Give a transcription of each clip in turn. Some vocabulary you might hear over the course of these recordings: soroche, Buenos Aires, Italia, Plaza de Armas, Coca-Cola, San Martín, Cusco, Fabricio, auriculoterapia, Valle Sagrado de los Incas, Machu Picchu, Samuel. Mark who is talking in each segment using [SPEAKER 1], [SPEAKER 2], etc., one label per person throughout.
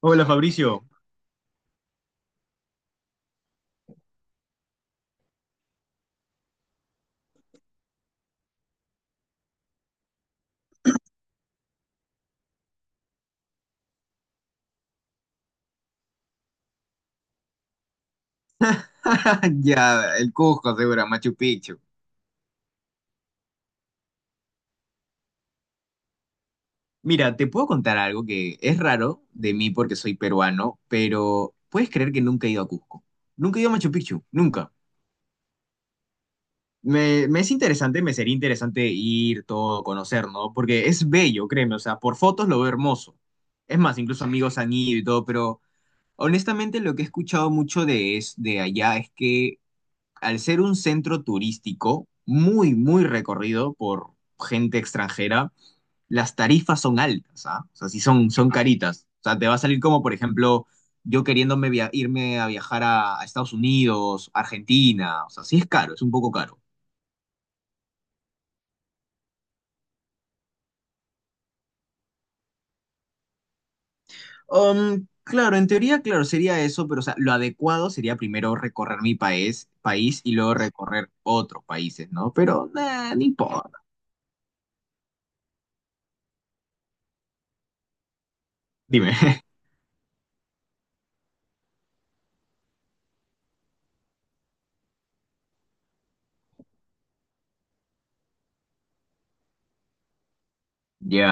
[SPEAKER 1] Hola Fabricio. Ya, el Cusco, seguro, Machu Picchu. Mira, te puedo contar algo que es raro de mí porque soy peruano, pero puedes creer que nunca he ido a Cusco. Nunca he ido a Machu Picchu, nunca. Me es interesante, me sería interesante ir, todo, conocer, ¿no? Porque es bello, créeme, o sea, por fotos lo veo hermoso. Es más, incluso amigos han ido y todo, pero honestamente lo que he escuchado mucho de, es, de allá es que al ser un centro turístico muy, muy recorrido por gente extranjera, las tarifas son altas, ¿ah? O sea, sí son, son caritas. O sea, te va a salir como, por ejemplo, yo queriéndome irme a viajar a Estados Unidos, Argentina. O sea, sí es caro, es un poco caro. Claro, en teoría, claro, sería eso, pero o sea, lo adecuado sería primero recorrer mi país, país y luego recorrer otros países, ¿no? Pero no importa. Dime. Ya,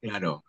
[SPEAKER 1] claro.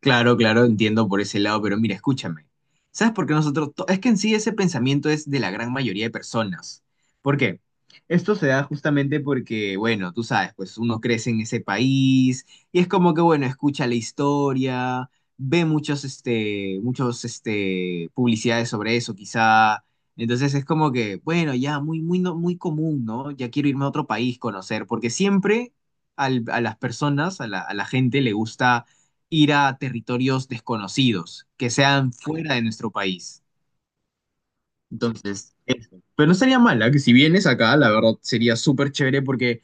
[SPEAKER 1] Claro, claro, entiendo por ese lado, pero mira, escúchame. ¿Sabes por qué nosotros... Es que en sí ese pensamiento es de la gran mayoría de personas. ¿Por qué? Esto se da justamente porque, bueno, tú sabes, pues uno crece en ese país y es como que, bueno, escucha la historia, ve muchos, muchos, publicidades sobre eso, quizá. Entonces es como que, bueno, ya muy, muy, muy común, ¿no? Ya quiero irme a otro país, conocer, porque siempre a las personas, a la gente le gusta ir a territorios desconocidos, que sean fuera de nuestro país. Entonces, eso. Pero no estaría mala que si vienes acá, la verdad sería súper chévere porque,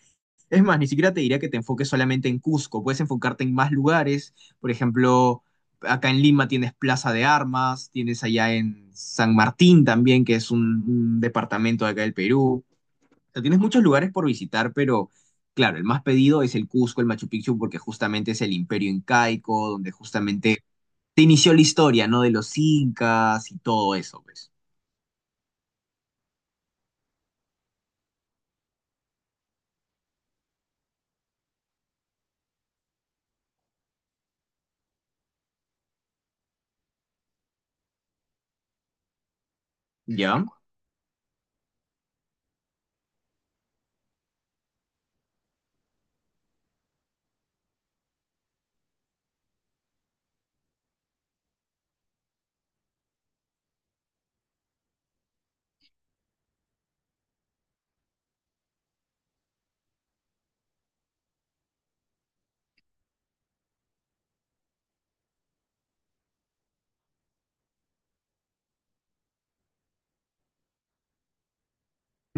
[SPEAKER 1] es más, ni siquiera te diría que te enfoques solamente en Cusco, puedes enfocarte en más lugares, por ejemplo, acá en Lima tienes Plaza de Armas, tienes allá en San Martín también, que es un departamento de acá del Perú. O sea, tienes muchos lugares por visitar, pero claro, el más pedido es el Cusco, el Machu Picchu, porque justamente es el imperio incaico, donde justamente se inició la historia, ¿no? De los incas y todo eso, pues. ¿Ya?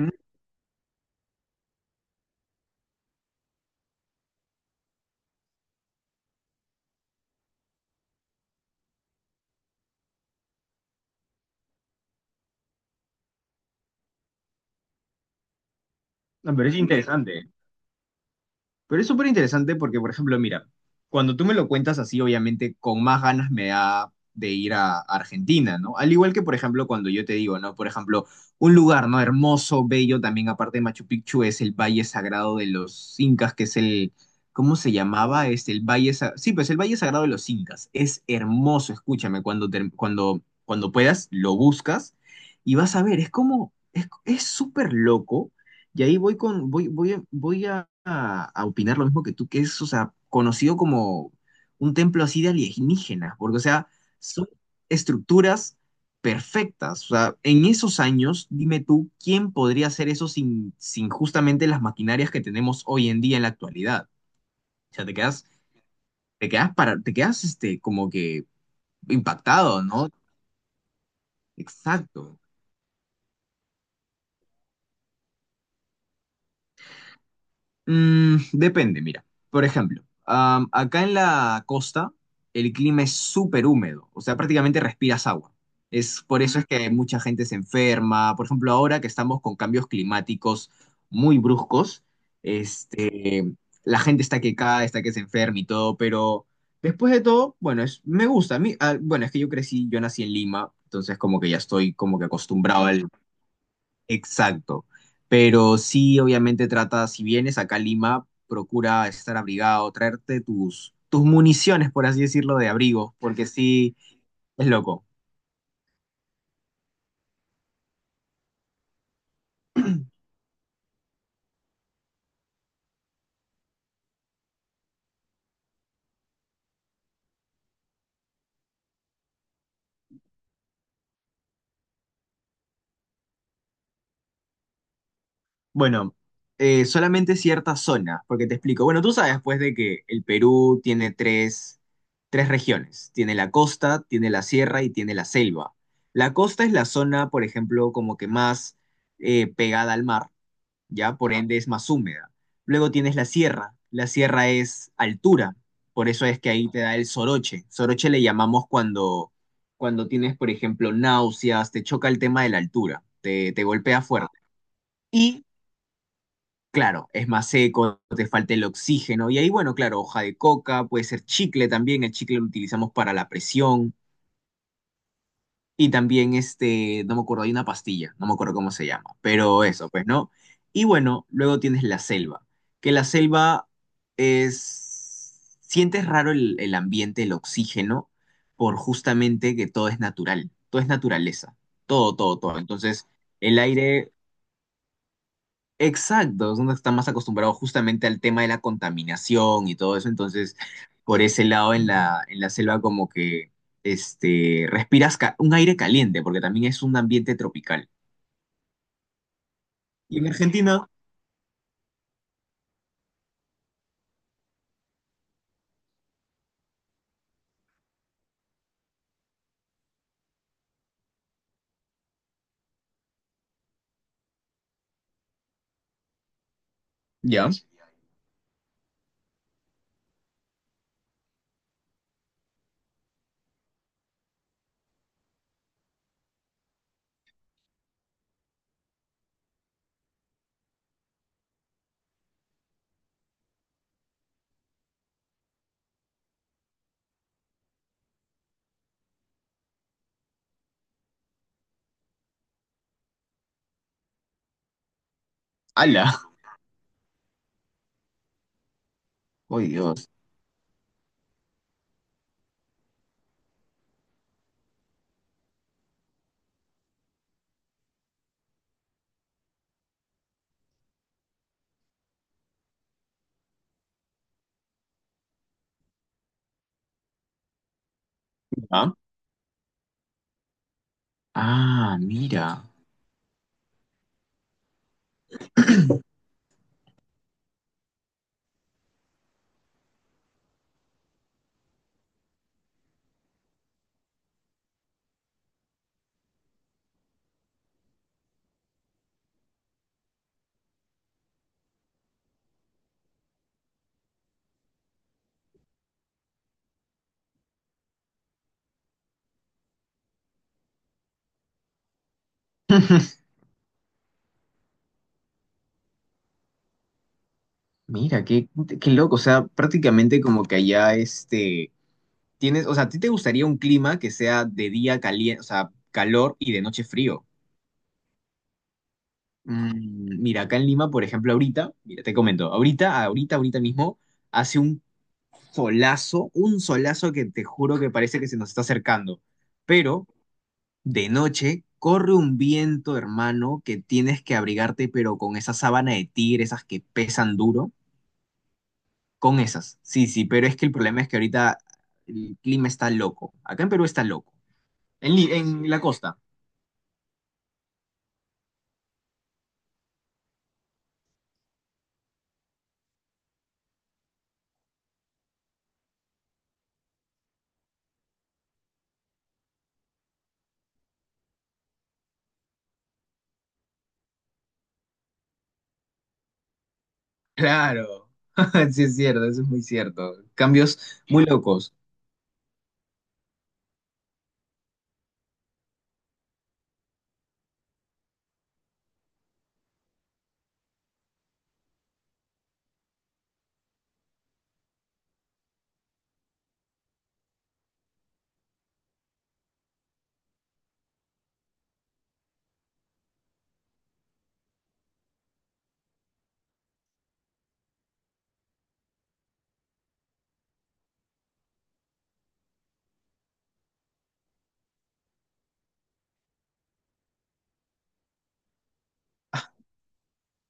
[SPEAKER 1] Mm, no, pero es interesante. Pero es súper interesante porque, por ejemplo, mira, cuando tú me lo cuentas así, obviamente con más ganas me da de ir a Argentina, ¿no? Al igual que, por ejemplo, cuando yo te digo, ¿no? Por ejemplo, un lugar, ¿no? Hermoso, bello, también aparte de Machu Picchu, es el Valle Sagrado de los Incas, que es el, ¿cómo se llamaba? Es el Valle, sí, pues el Valle Sagrado de los Incas. Es hermoso, escúchame, cuando, cuando, cuando puedas, lo buscas y vas a ver, es como, es súper loco y ahí voy con, voy, voy a opinar lo mismo que tú, que es, o sea, conocido como un templo así de alienígenas, porque, o sea, son estructuras perfectas. O sea, en esos años, dime tú, ¿quién podría hacer eso sin, sin justamente las maquinarias que tenemos hoy en día en la actualidad? O sea, te quedas para, te quedas como que impactado, ¿no? Exacto. Mm, depende, mira. Por ejemplo, acá en la costa el clima es súper húmedo, o sea, prácticamente respiras agua. Es, por eso es que mucha gente se enferma. Por ejemplo, ahora que estamos con cambios climáticos muy bruscos, este, la gente está que cae, está que se enferma y todo, pero después de todo, bueno, es, me gusta. A mí, ah, bueno, es que yo crecí, yo nací en Lima, entonces como que ya estoy como que acostumbrado. Exacto. Pero sí, obviamente trata, si vienes acá a Lima, procura estar abrigado, traerte tus, tus municiones, por así decirlo, de abrigo, porque sí, es loco. Bueno, solamente ciertas zonas, porque te explico. Bueno, tú sabes, pues, de que el Perú tiene tres, tres regiones. Tiene la costa, tiene la sierra y tiene la selva. La costa es la zona, por ejemplo, como que más pegada al mar ya por ende es más húmeda. Luego tienes la sierra es altura, por eso es que ahí te da el soroche. Soroche le llamamos cuando, cuando tienes, por ejemplo, náuseas, te choca el tema de la altura, te golpea fuerte. Y claro, es más seco, te falta el oxígeno, y ahí, bueno, claro, hoja de coca, puede ser chicle también, el chicle lo utilizamos para la presión. Y también, no me acuerdo, hay una pastilla, no me acuerdo cómo se llama, pero eso, pues, ¿no? Y bueno, luego tienes la selva, que la selva es... Sientes raro el ambiente, el oxígeno, por justamente que todo es natural, todo es naturaleza, todo, todo, todo. Entonces, el aire exacto, es donde están más acostumbrados justamente al tema de la contaminación y todo eso, entonces por ese lado en la selva como que respiras un aire caliente, porque también es un ambiente tropical. Y en Argentina, ya, hala. Oh Dios, ya. Ah, mira, mira, qué, qué loco, o sea, prácticamente como que allá tienes, o sea, ¿a ti te gustaría un clima que sea de día caliente, o sea, calor y de noche frío? Mm, mira, acá en Lima, por ejemplo, ahorita, mira, te comento, ahorita, ahorita, ahorita mismo, hace un solazo que te juro que parece que se nos está acercando. Pero de noche corre un viento, hermano, que tienes que abrigarte, pero con esa sábana de tigre, esas que pesan duro, con esas. Sí, sí, pero es que el problema es que ahorita el clima está loco. Acá en Perú está loco. En, en la costa. Claro. Sí, es cierto, eso es muy cierto. Cambios muy locos.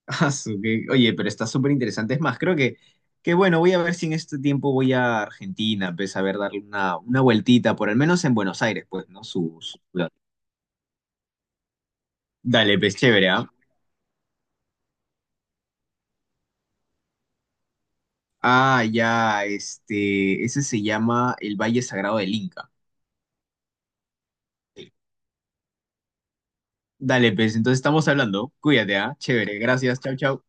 [SPEAKER 1] Ah, oye, pero está súper interesante. Es más, creo que bueno, voy a ver si en este tiempo voy a Argentina, pues a ver, darle una vueltita, por al menos en Buenos Aires, pues, ¿no? Su ciudad. Dale, pues chévere, ¿ah? Ah, ya, este, ese se llama el Valle Sagrado del Inca. Sí. Dale, pues, entonces estamos hablando. Cuídate, ¿ah? Chévere, gracias, chau, chau.